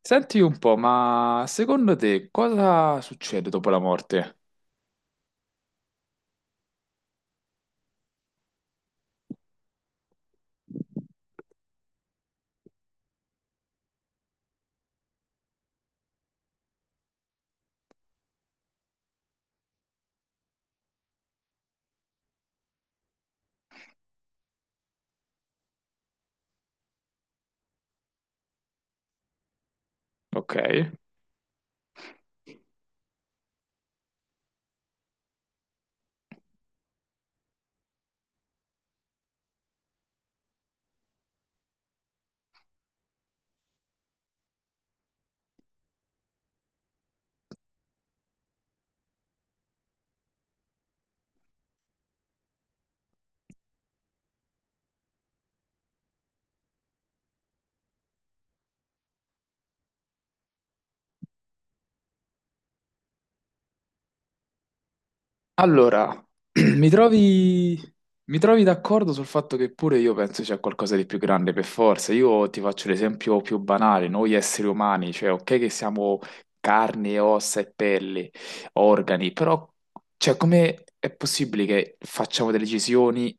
Senti un po', ma secondo te cosa succede dopo la morte? Ok. Allora, mi trovi, mi trovi d'accordo sul fatto che pure io penso c'è qualcosa di più grande per forza. Io ti faccio l'esempio più banale, noi esseri umani, cioè ok che siamo carne, e ossa e pelli, organi, però cioè, come è possibile che facciamo delle decisioni?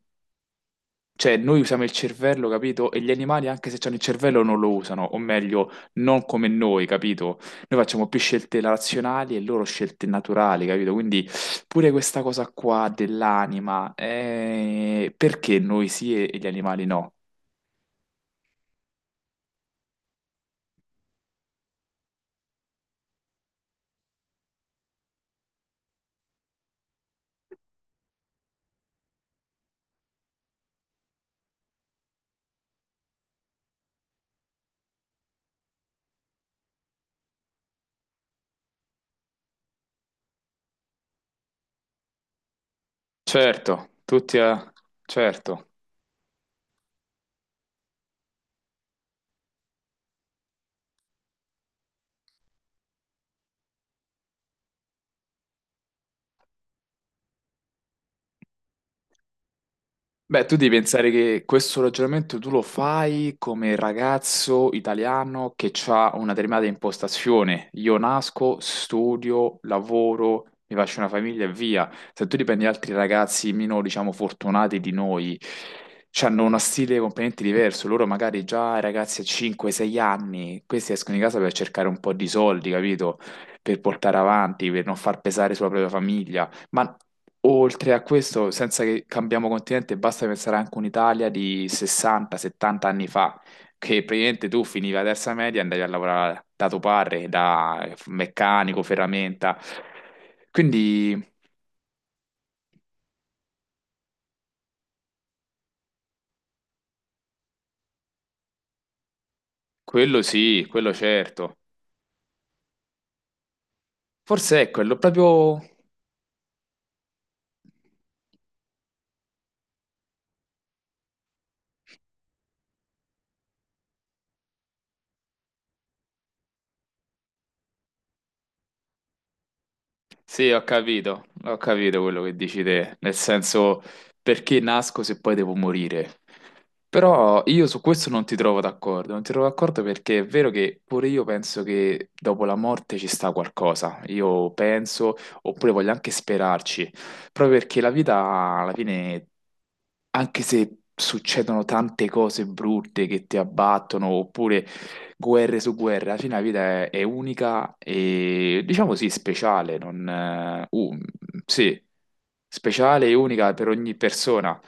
Cioè, noi usiamo il cervello, capito? E gli animali, anche se hanno il cervello, non lo usano, o meglio, non come noi, capito? Noi facciamo più scelte razionali e loro scelte naturali, capito? Quindi pure questa cosa qua dell'anima, perché noi sì e gli animali no? Certo, tutti, certo. Beh, tu devi pensare che questo ragionamento tu lo fai come ragazzo italiano che ha una determinata impostazione. Io nasco, studio, lavoro, mi faccio una famiglia e via. Se tu riprendi altri ragazzi meno, diciamo, fortunati di noi, hanno uno stile completamente diverso. Loro magari già ragazzi a 5-6 anni, questi escono di casa per cercare un po' di soldi, capito? Per portare avanti, per non far pesare sulla propria famiglia. Ma oltre a questo, senza che cambiamo continente, basta pensare anche a un'Italia di 60-70 anni fa, che praticamente tu finivi la terza media e andavi a lavorare da tuo padre, da meccanico, ferramenta. Quindi quello sì, quello certo. Forse ecco, è quello proprio. Sì, ho capito quello che dici te, nel senso, perché nasco se poi devo morire. Però io su questo non ti trovo d'accordo, non ti trovo d'accordo perché è vero che pure io penso che dopo la morte ci sta qualcosa, io penso, oppure voglio anche sperarci, proprio perché la vita alla fine anche se succedono tante cose brutte che ti abbattono, oppure guerre su guerre, alla fine la vita è unica e diciamo sì, speciale. Non, eh, un- sì, speciale e unica per ogni persona.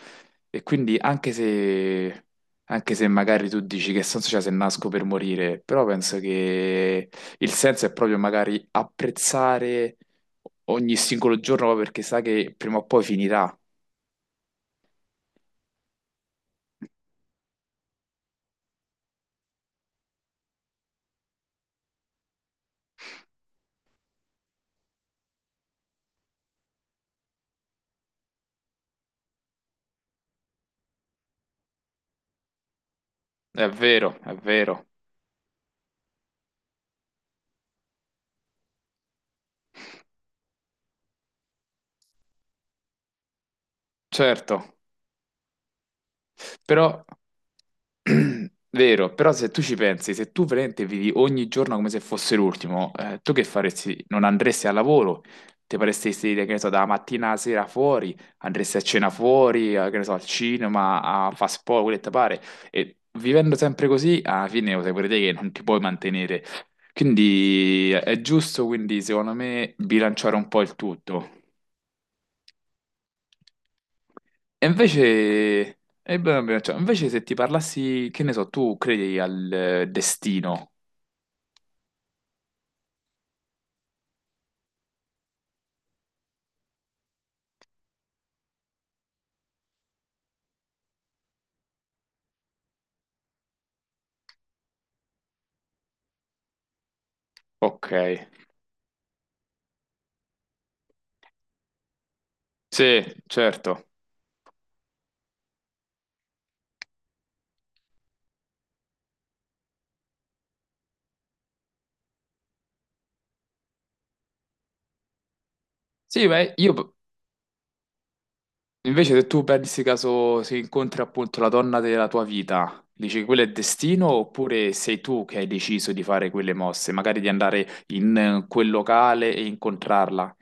E quindi anche se magari tu dici che senso c'è se nasco per morire, però penso che il senso è proprio magari apprezzare ogni singolo giorno proprio perché sa che prima o poi finirà. È vero, è vero. Certo, però, vero, però se tu ci pensi, se tu veramente vivi ogni giorno come se fosse l'ultimo, tu che faresti? Non andresti al lavoro, ti faresti stare, che ne so, dalla mattina alla sera fuori, andresti a cena fuori, che ne so, al cinema, a fast food, quello che ti pare, e vivendo sempre così, alla fine lo sai pure te che non ti puoi mantenere. Quindi è giusto, quindi, secondo me, bilanciare un po' il tutto. E invece, e beh, cioè, invece se ti parlassi, che ne so, tu credi al destino? Ok, sì, certo. Sì, beh, invece se tu pensi caso si incontri appunto la donna della tua vita, dici quello è destino oppure sei tu che hai deciso di fare quelle mosse, magari di andare in quel locale e incontrarla?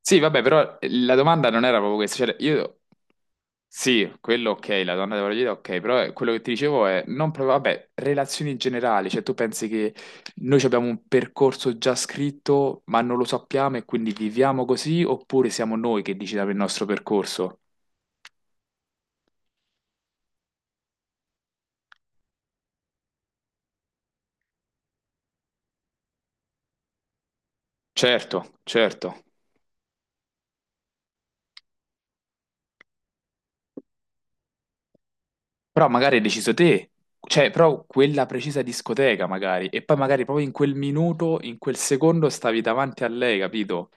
Sì, vabbè, però la domanda non era proprio questa, cioè io. Sì, quello ok, la donna della vita ok, però quello che ti dicevo è, non proprio, vabbè, relazioni generali, cioè tu pensi che noi ci abbiamo un percorso già scritto, ma non lo sappiamo e quindi viviamo così, oppure siamo noi che decidiamo il nostro percorso? Certo, certo, però magari hai deciso te, cioè, però quella precisa discoteca magari, e poi magari proprio in quel minuto, in quel secondo stavi davanti a lei, capito?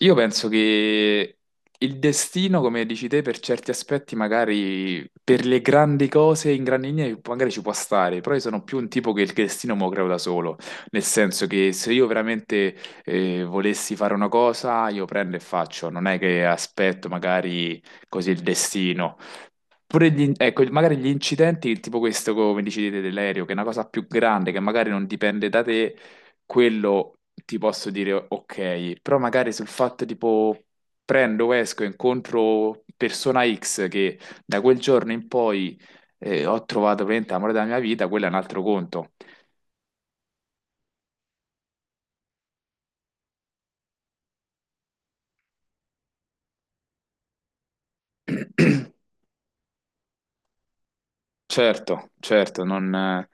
Io penso che il destino, come dici te, per certi aspetti, magari per le grandi cose in grandi linee, magari ci può stare, però io sono più un tipo che il destino me lo creo da solo, nel senso che se io veramente volessi fare una cosa, io prendo e faccio, non è che aspetto magari così il destino. Ecco, magari gli incidenti, tipo questo, come dici te, dell'aereo, che è una cosa più grande, che magari non dipende da te, quello ti posso dire ok, però magari sul fatto tipo prendo, esco, incontro persona X che da quel giorno in poi ho trovato veramente l'amore della mia vita, quello è un altro conto. Certo, certo, non,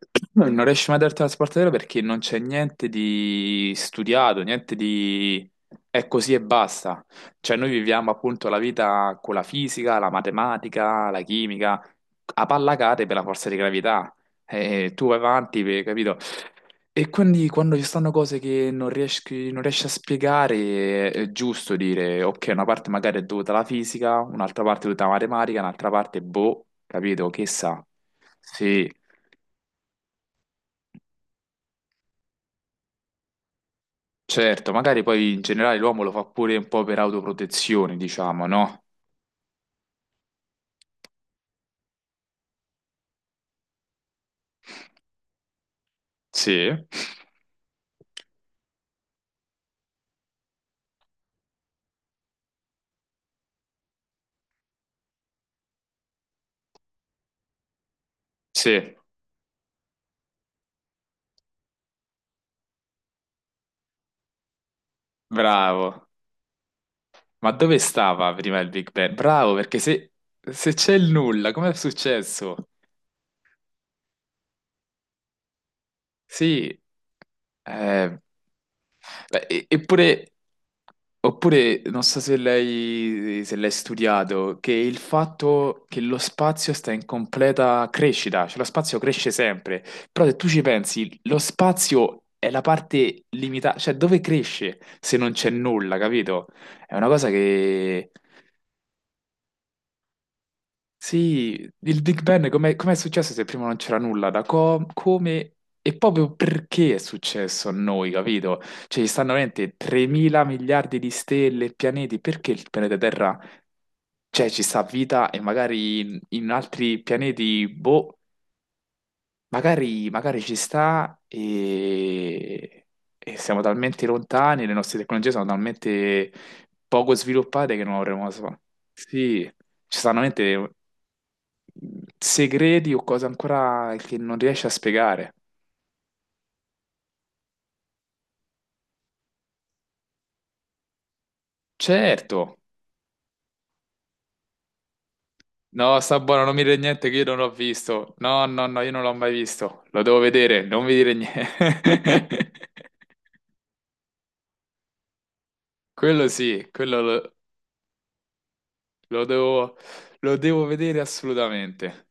non riesci mai a darti la spartatela perché non c'è niente di studiato, niente di... è così e basta. Cioè noi viviamo appunto la vita con la fisica, la matematica, la chimica, a pallacate per la forza di gravità. E tu vai avanti, capito? E quindi quando ci stanno cose che non riesci a spiegare, è giusto dire, ok, una parte magari è dovuta alla fisica, un'altra parte è dovuta alla matematica, un'altra parte, boh, capito, che sa. Sì, certo, magari poi in generale l'uomo lo fa pure un po' per autoprotezione, diciamo, no? Sì, sì, bravo. Ma dove stava prima il Big Bang? Bravo, perché se c'è il nulla, com'è successo? Sì, eh, beh, eppure, oppure, non so se lei, se l'hai studiato, che il fatto che lo spazio sta in completa crescita, cioè lo spazio cresce sempre, però se tu ci pensi, lo spazio è la parte limitata, cioè dove cresce se non c'è nulla, capito? È una cosa che... Sì, il Big Bang com'è successo se prima non c'era nulla? Come e proprio perché è successo a noi, capito? Cioè, ci stanno veramente 3.000 miliardi di stelle e pianeti, perché il pianeta Terra, cioè, ci sta vita e magari in altri pianeti, boh, magari, magari ci sta e siamo talmente lontani, le nostre tecnologie sono talmente poco sviluppate che non avremo... Sì, ci stanno veramente segreti o cose ancora che non riesci a spiegare. Certo. No, sta buono, non mi dire niente che io non l'ho visto. No, no, no, io non l'ho mai visto. Lo devo vedere, non mi dire niente. Quello sì, quello lo devo, lo devo vedere assolutamente.